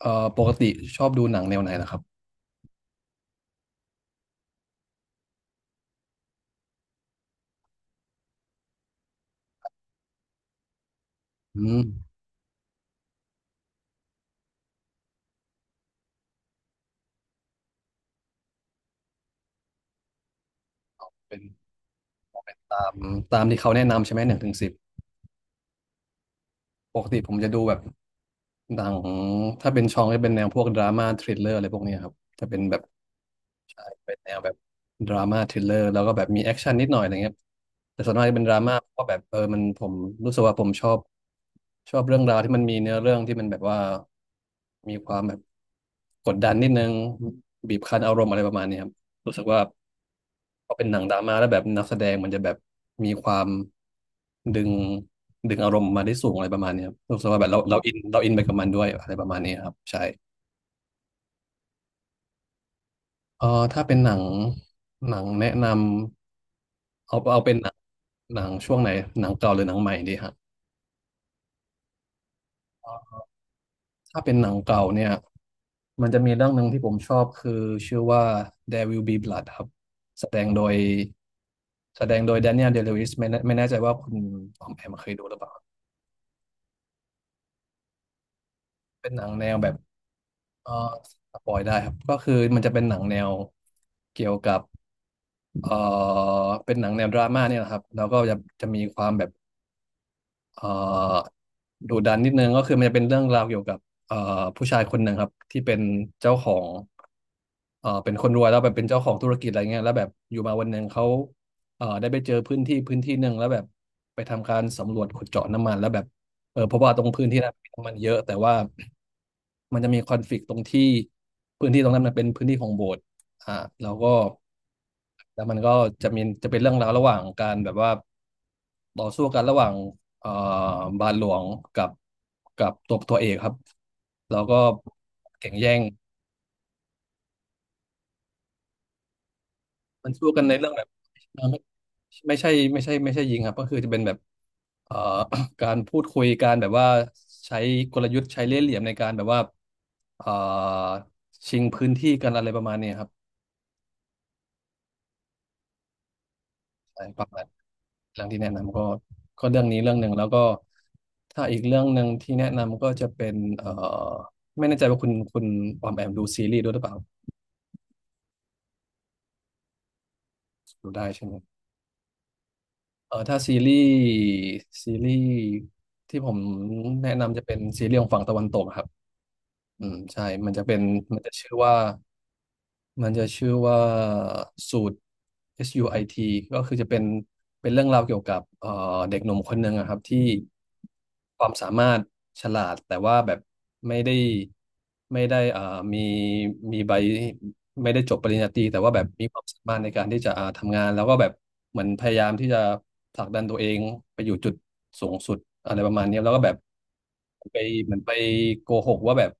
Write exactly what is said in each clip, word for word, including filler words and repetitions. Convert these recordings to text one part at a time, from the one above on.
เอ่อปกติชอบดูหนังแนวไหนล่ะครับอืมเป็นตามตามที่เขาแนะนำใช่ไหมหนึ่งถึงสิบปกติผมจะดูแบบหนังถ้าเป็นช่องจะเป็นแนวพวกดราม่าทริลเลอร์อะไรพวกเนี้ยครับจะเป็นแบบใช่เป็นแนวแบบดราม่าทริลเลอร์แล้วก็แบบมีแอคชั่นนิดหน่อยอะไรเงี้ยแต่ส่วนมากจะเป็นดราม่าเพราะแบบเออมันผมรู้สึกว่าผมชอบชอบเรื่องราวที่มันมีเนื้อเรื่องที่มันแบบว่ามีความแบบกดดันนิดนึงบีบคั้นอารมณ์อะไรประมาณเนี้ยครับรู้สึกว่า พอเป็นหนังดราม่าแล้วแบบนักแสดงมันจะแบบมีความดึงดึงอารมณ์มาได้สูงอะไรประมาณเนี้ยครับรู้สึกว่าแบบเราเราอินเราอินไปกับมันด้วยอะไรประมาณนี้ครับใช่เออถ้าเป็นหนังหนังแนะนำเอาเอาเป็นหนังหนังช่วงไหนหนังเก่าหรือหนังใหม่ดีฮะถ้าเป็นหนังเก่าเนี่ยมันจะมีเรื่องหนึ่งที่ผมชอบคือชื่อว่า There Will Be Blood ครับแสดงโดยแสดงโดยแดเนียลเดล i วิสไม่แน่ไม่แน่ใจว่าคุณออมแอมเคยดูหรือเปล่าเป็นหนังแนวแบบ เอ่อสปอยได้ครับก็คือมันจะเป็นหนังแนวเกี่ยวกับเอ่อเป็นหนังแนวดราม่าเนี่ยแหละครับแล้วก็จะจะมีความแบบ เอ่อดุดันนิดนึงก็คือมันจะเป็นเรื่องราวเกี่ยวกับเอ่อผู้ชายคนหนึ่งครับที่เป็นเจ้าของเอ่อเป็นคนรวยแล้วแบบเป็นเจ้าของธุรกิจอะไรเงี้ยแล้วแบบอยู่มาวันหนึ่งเขาเอ่อได้ไปเจอพื้นที่พื้นที่หนึ่งแล้วแบบไปทำการสำรวจขุดเจาะน้ำมันแล้วแบบเออเพราะว่าตรงพื้นที่นั้นมีน้ำมันเยอะแต่ว่ามันจะมีคอนฟลิกต์ตรงที่พื้นที่ตรงนั้นมันเป็นพื้นที่ของโบสถ์อ่าแล้วก็แล้วมันก็จะมีจะเป็นเรื่องราวระหว่างการแบบว่าต่อสู้กันระหว่าง เอ่อบาทหลวงกับกับตัวตัวเอกครับแล้วก็แข่งแย่งมันสู้กันในเรื่องแบบเอ่อไม่ไม่ใช่ไม่ใช่ไม่ใช่ยิงครับก็คือจะเป็นแบบเอ่อ การพูดคุยการแบบว่าใช้กลยุทธ์ใช้เล่ห์เหลี่ยมในการแบบว่าเอ่อชิงพื้นที่กันอะไรประมาณนี้ครับใช่ประมาณเรื่องที่แนะนำก็ก็เรื่องนี้เรื่องหนึ่งแล้วก็ถ้าอีกเรื่องหนึ่งที่แนะนำก็จะเป็นเอ่อไม่แน่ใจว่าคุณคุณออมแอมดูซีรีส์ด้วยหรือเปล่า ดูได้ใช่ไหมเออถ้าซีรีส์ซีรีส์ที่ผมแนะนำจะเป็นซีรีส์ของฝั่งตะวันตกครับอืมใช่มันจะเป็นมันจะชื่อว่า มันจะชื่อว่าสูตร สูท ก็คือจะเป็นเป็นเรื่องราวเกี่ยวกับเอ่อเด็กหนุ่มคนหนึ่งอะครับที่ความสามารถฉลาดแต่ว่าแบบไม่ได้ไม่ได้เอ่อมีมีใบไม่ได้จบปริญญาตรีแต่ว่าแบบมีความสามารถในการที่จะอ่าทำงานแล้วก็แบบเหมือนพยายามที่จะผลักดันตัวเองไปอยู่จุดสูงสุดอะไรประมาณนี้แล้วก็แบบ ไปเหมือนไปโกหกว่าแบบ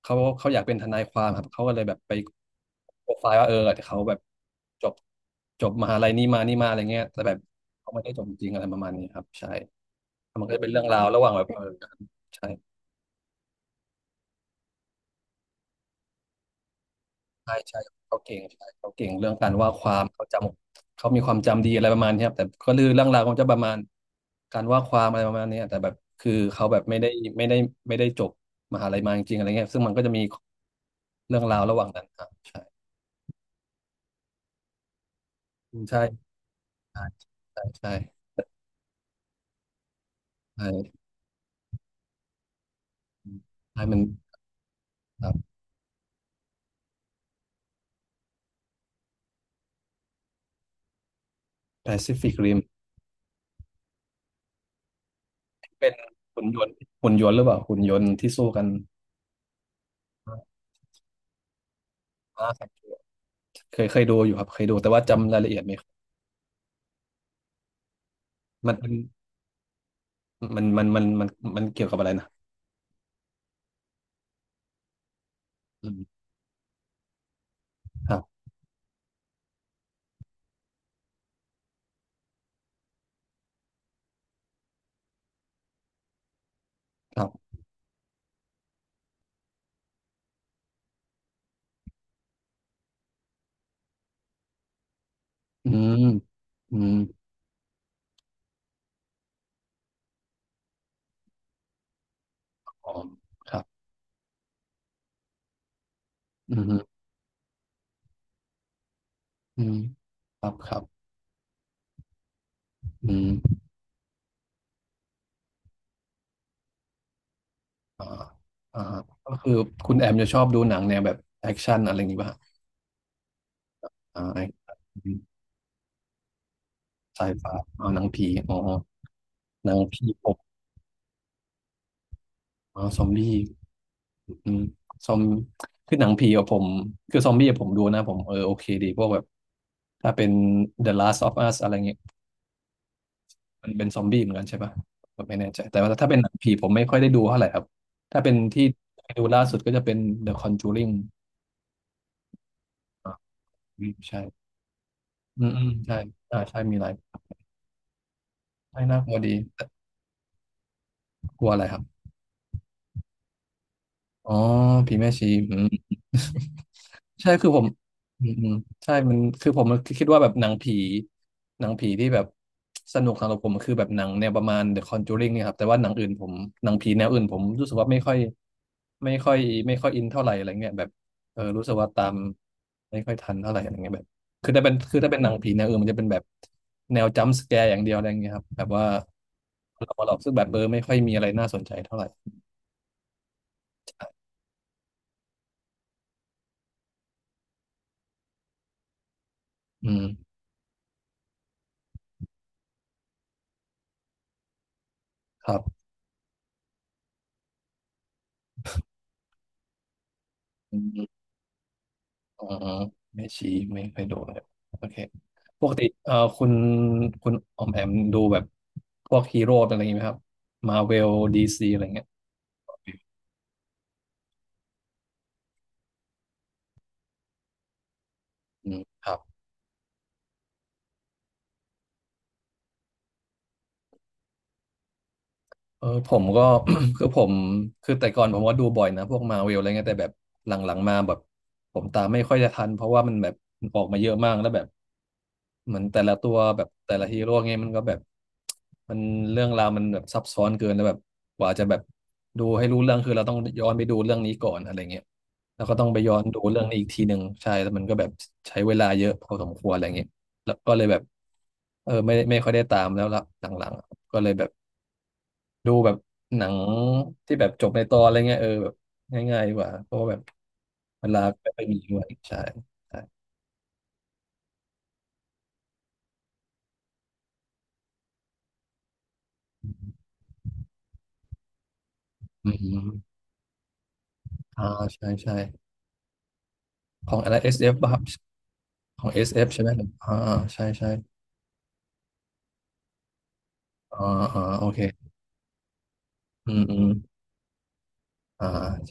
เขาเขาอยากเป็นทนายความครับเขาก็เลยแบบไปโปรไฟล์ว่าเออเขาแบบจบจบมหาลัยนี้มานี่มาอะไรเงี้ยแต่แบบเขาไม่ได้จบจริงอะไรประมาณนี้ครับใช่แล้วมันก็จะเป็นเรื่องราวระหว่างแบบเออกันใช่ ใช่ใช่เขาเก่งใช่เขาเก่งเรื่องการว่าความเขาจำเขามีความจำดีอะไรประมาณเนี้ยครับแต่ก็คือเรื่องราวของจะประมาณการว่าความอะไรประมาณเนี้ยแต่แบบคือเขาแบบไม่ได้ไม่ได้ไม่ได้จบมหาลัยมาจริงๆอะไรเงี้ยซึ่งมันก็จะมีเรื่องราวระหว่างนั้นครับใช่ใช่ใช่ใช่ใช่ใช่ใช่มันครับแปซิฟิกริมเป็นหุ่นยนต์หุ่นยนต์หรือเปล่าหุ่นยนต์ที่สู้กันอ่าเคยเคยดูอยู่ครับเคยดูแต่ว่าจำรายละเอียดไม่ค่อยมันเป็น มันมันมันมันมันเกี่ยวกับอะไรนะอืมครับครับอืมอืมอ๋อครับอืมอืมครับครับอืมอ่าอ่าก็คือคุณแอมจะชอบดูหนังแนวแบบแอคชั่นอะไรอย่างงี้ป่ะฮะอ่าไอ้ไซไฟาอ๋อหนังผีอ๋อหนังผีผมอ๋อซอมบี้อืมซอมคือหนังผีกับผมคือซอมบี้อะผมดูนะผมเออโอเคดีพวกแบบถ้าเป็น The Last of Us อะไรเงี้ย มันเป็นซอมบี้เหมือนกันใช่ปะผมไม่แน่ใจแต่ว่าถ้าเป็นหนังผีผมไม่ค่อยได้ดูเท่าไหร่ครับ ถ้าเป็นที่ดูล่าสุดก็จะเป็น The Conjuring อ่าใช่อืมอืมใช่อ่าใช่มีหลายใช่น่ากลัวดีแต่กลัวอะไรครับ อ๋อผีแม่ชีอืม ใช่คือผมอืมอืมใช่มันคือผมคิดว่าแบบหนังผีหนังผีที่แบบสนุกสำหรับผมคือแบบหนังแนวประมาณ The Conjuring เนี่ยครับแต่ว่าหนังอื่นผมหนังผีแนวอื่นผมรู้สึกว่าไม่ค่อยไม่ค่อยไม่ค่อยอินเท่าไหร่อะไรเงี้ยแบบเออรู้สึกว่าตามไม่ค่อยทันเท่าไหร่อะไรเงี้ยแบบคือถ้าเป็นคือถ้าเป็นหนังผีแนวอื่นมันจะเป็นแบบแนวจัมป์สแกร์อย่างเดียวอะไรเงี้ยครับแบบว่าเราหลอกซึ่งแบบเออไม่ค่อยมีอะไรน่าสนใจเท่าไหร่อืมครับ อ๋อแม่ชีไม่เคยดูเลยโอเคปกติเอ่อคุณคุณออมแอมดูแบบพวกฮีโร่อะไรอย่างงี้ไหมครับมาเวลดีซีอะไรเงี้ยอืมครับ เออผมก็ คือผมคือแต่ก่อนผมก็ดูบ่อยนะพวกมาเวลอะไรเงี้ยแต่แบบหลังๆมาแบบผมตามไม่ค่อยจะทันเพราะว่ามันแบบออกมาเยอะมากแล้วแบบเหมือนแต่ละตัวแบบแต่ละฮีโร่เงี้ยมันก็แบบมันเรื่องราวมันแบบซับซ้อนเกินแล้วแบบกว่าจะแบบดูให้รู้เรื่องคือเราต้องย้อนไปดูเรื่องนี้ก่อนอะไรเงี้ยแล้วก็ต้องไปย้อนดูเรื่องนี้อีกทีหนึ่งใช่แล้วมันก็แบบใช้เวลาเยอะพอสมควรอะไรเงี้ยแล้วก็เลยแบบเออไม่ไไม่ค่อยได้ตามแล้วละหลังๆก็เลยแบบ ดูแบบหนังที่แบบจบในตอนอะไรเงี้ยเออแบบง่ายๆดีกว่าเพราะว่าแบบเวลาไม่ค่อยมีด้วยใช่ใช่อืมอ่าใช่ใช่ของอะไร เอส เอฟ ป่ะครับของ เอส เอฟ ใช่ไหม อ่าใช่ใช่อ่าอ่าโอเค อืมอืมอ่า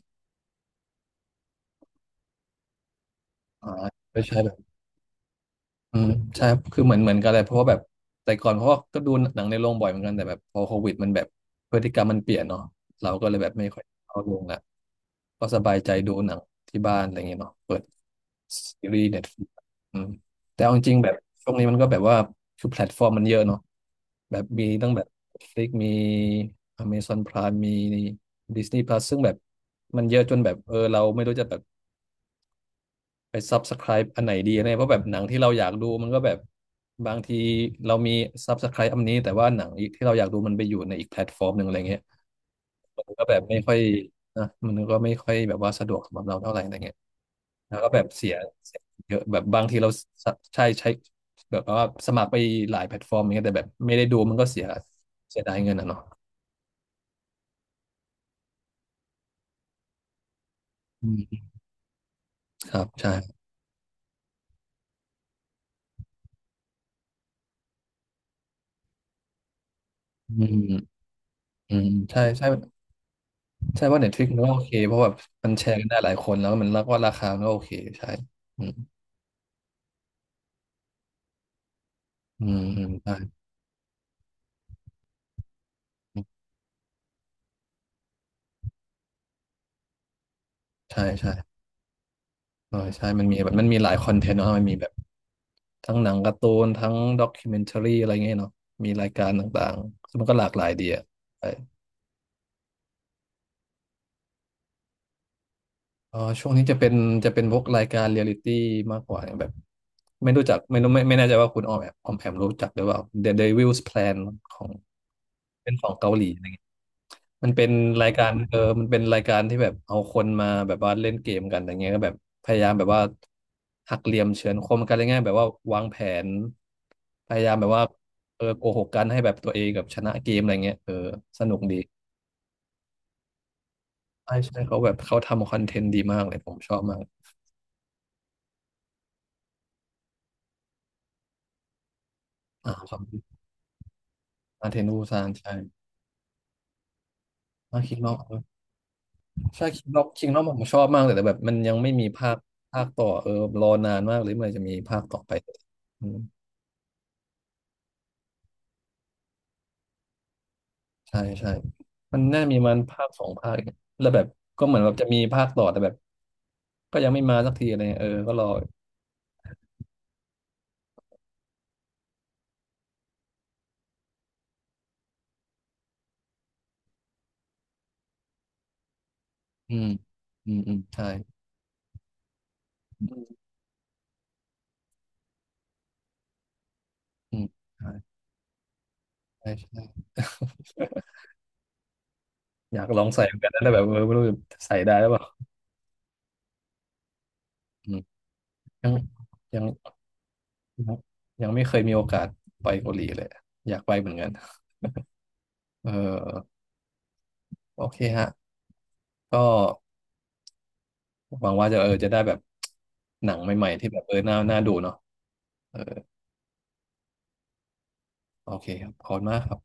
อ่าใช่ใช่แบบ อืมใช่ครับคือเหมือนเหมือนกันเลยเพราะว่าแบบแต่ก่อนเพราะว่าก็ดูหนังในโรงบ่อยเหมือนกันแต่แบบพอโควิดมันแบบพฤติกรรมมันเปลี่ยนเนาะเราก็เลยแบบไม่ค่อยเข้าโรงละก็สบายใจดูหนังที่บ้านอะไรเงี้ยเนาะเปิดซีรีส์เน็ตฟลิกอืมแต่เอาจริงๆแบบช่วงนี้มันก็แบบว่าคือแพลตฟอร์มมันเยอะเนาะแบบมีตั้งแบบ Netflix มี Amazon Prime มี Disney Plus ซึ่งแบบมันเยอะจนแบบเออเราไม่รู้จะแบบ ไปซับสไ r i b e อันไหนดีอะไรเพราะแบบหนังที่เราอยากดูมันก็แบบบางทีเรามีซ u บสไค i b e อันนี้แต่ว่าหนังอีกที่เราอยากดูมันไปอยู่ในอีกแพลตฟอร์มหนึ่งอะไรเงี้ยมันก็แบบไม่ค่อยนะมันก็ไม่ค่อยแบบว่าสะดวกสำหรับเราเท่าไหร่อะไรเงี้ยแล้วก็แบบเสียเสียเยอะแบบบางทีเราสะใช่ใช้แบบว่าสมัครไปหลายแพลตฟอร์มอย่างเงี้ยแต่แบบไม่ได้ดูมันก็เสียเสียดายเงินอ่ะเนาะอืมครับใช่อืมอืมใช่ใช่ ใช่ว่าเน็ตฟลิกมันก็โอเคเพราะแบบมันแชร์กันได้หลายคนแล้วมันรักว่าราคามันก็โอเคใช่อืมอืมอืมใช่ใช่ใช่เออใช่มันมีแบบมันมีหลายคอนเทนต์เนาะมันมีแบบทั้งหนังการ์ตูนทั้งด็อกิเมนทารีอะไรเงี้ยเนาะมีรายการต่างๆซึ่งมันก็หลากหลายดีอ่ะใช่เออช่วงนี้จะเป็นจะเป็นพวกรายการเรียลิตี้มากกว่าอย่างแบบไม่รู้จักไม่รู้ไม่ไม่แน่ใจว่าคุณออมแอมออมแอมรู้จักหรือเปล่า The Devil's Plan ของเป็นของเกาหลี มันเป็นรายการเออมันเป็นรายการที่แบบเอาคนมาแบบว่าเล่นเกมกันอย่างเงี้ยก็แบบพยายามแบบว่าหักเหลี่ยมเฉือนคมกันอะไรเงี้ยแบบว่าวางแผนพยายามแบบว่าเออโกหกกันให้แบบตัวเองกับชนะเกมอะไรเงี้ยเออสนุกดีใช่ใช่เขาแบบเขาทำคอนเทนต์ดีมากเลยผมชอบมากอ่าความอาเทนูซานใช่มาคิงนอกใช่คิงนอกคิงนอกผมชอบมากเลยแต่แบบมันยังไม่มีภาคภาคต่อเออรอนานมากเลยเมื่อไหร่จะมีภาคต่อไปอืม ใช่ใช่ มันน่ามีมันภาคสองภาคเนี่ยแล้วแบบก็เหมือนแบบจะมีภาคต่อแต่แบบก็ยังไม่มาสักทีอะไรเงี้ยเออก็รออืมอืมอืมใช่อืมใช่ใช่ใช่อยากลองใส่เหมือนกันนะแต่แบบเออไม่รู้จะใส่ได้หรือเปล่าอืมยังยังยังยังไม่เคยมีโอกาสไปเกาหลีเลยอยากไปเหมือนกันเออโอเคฮะ ก็หวังว่าจะเออจะได้แบบหนังใหม่ๆที่แบบเออน่าน่าดูเนาะเออโอเคครับขอบคุณมากครับ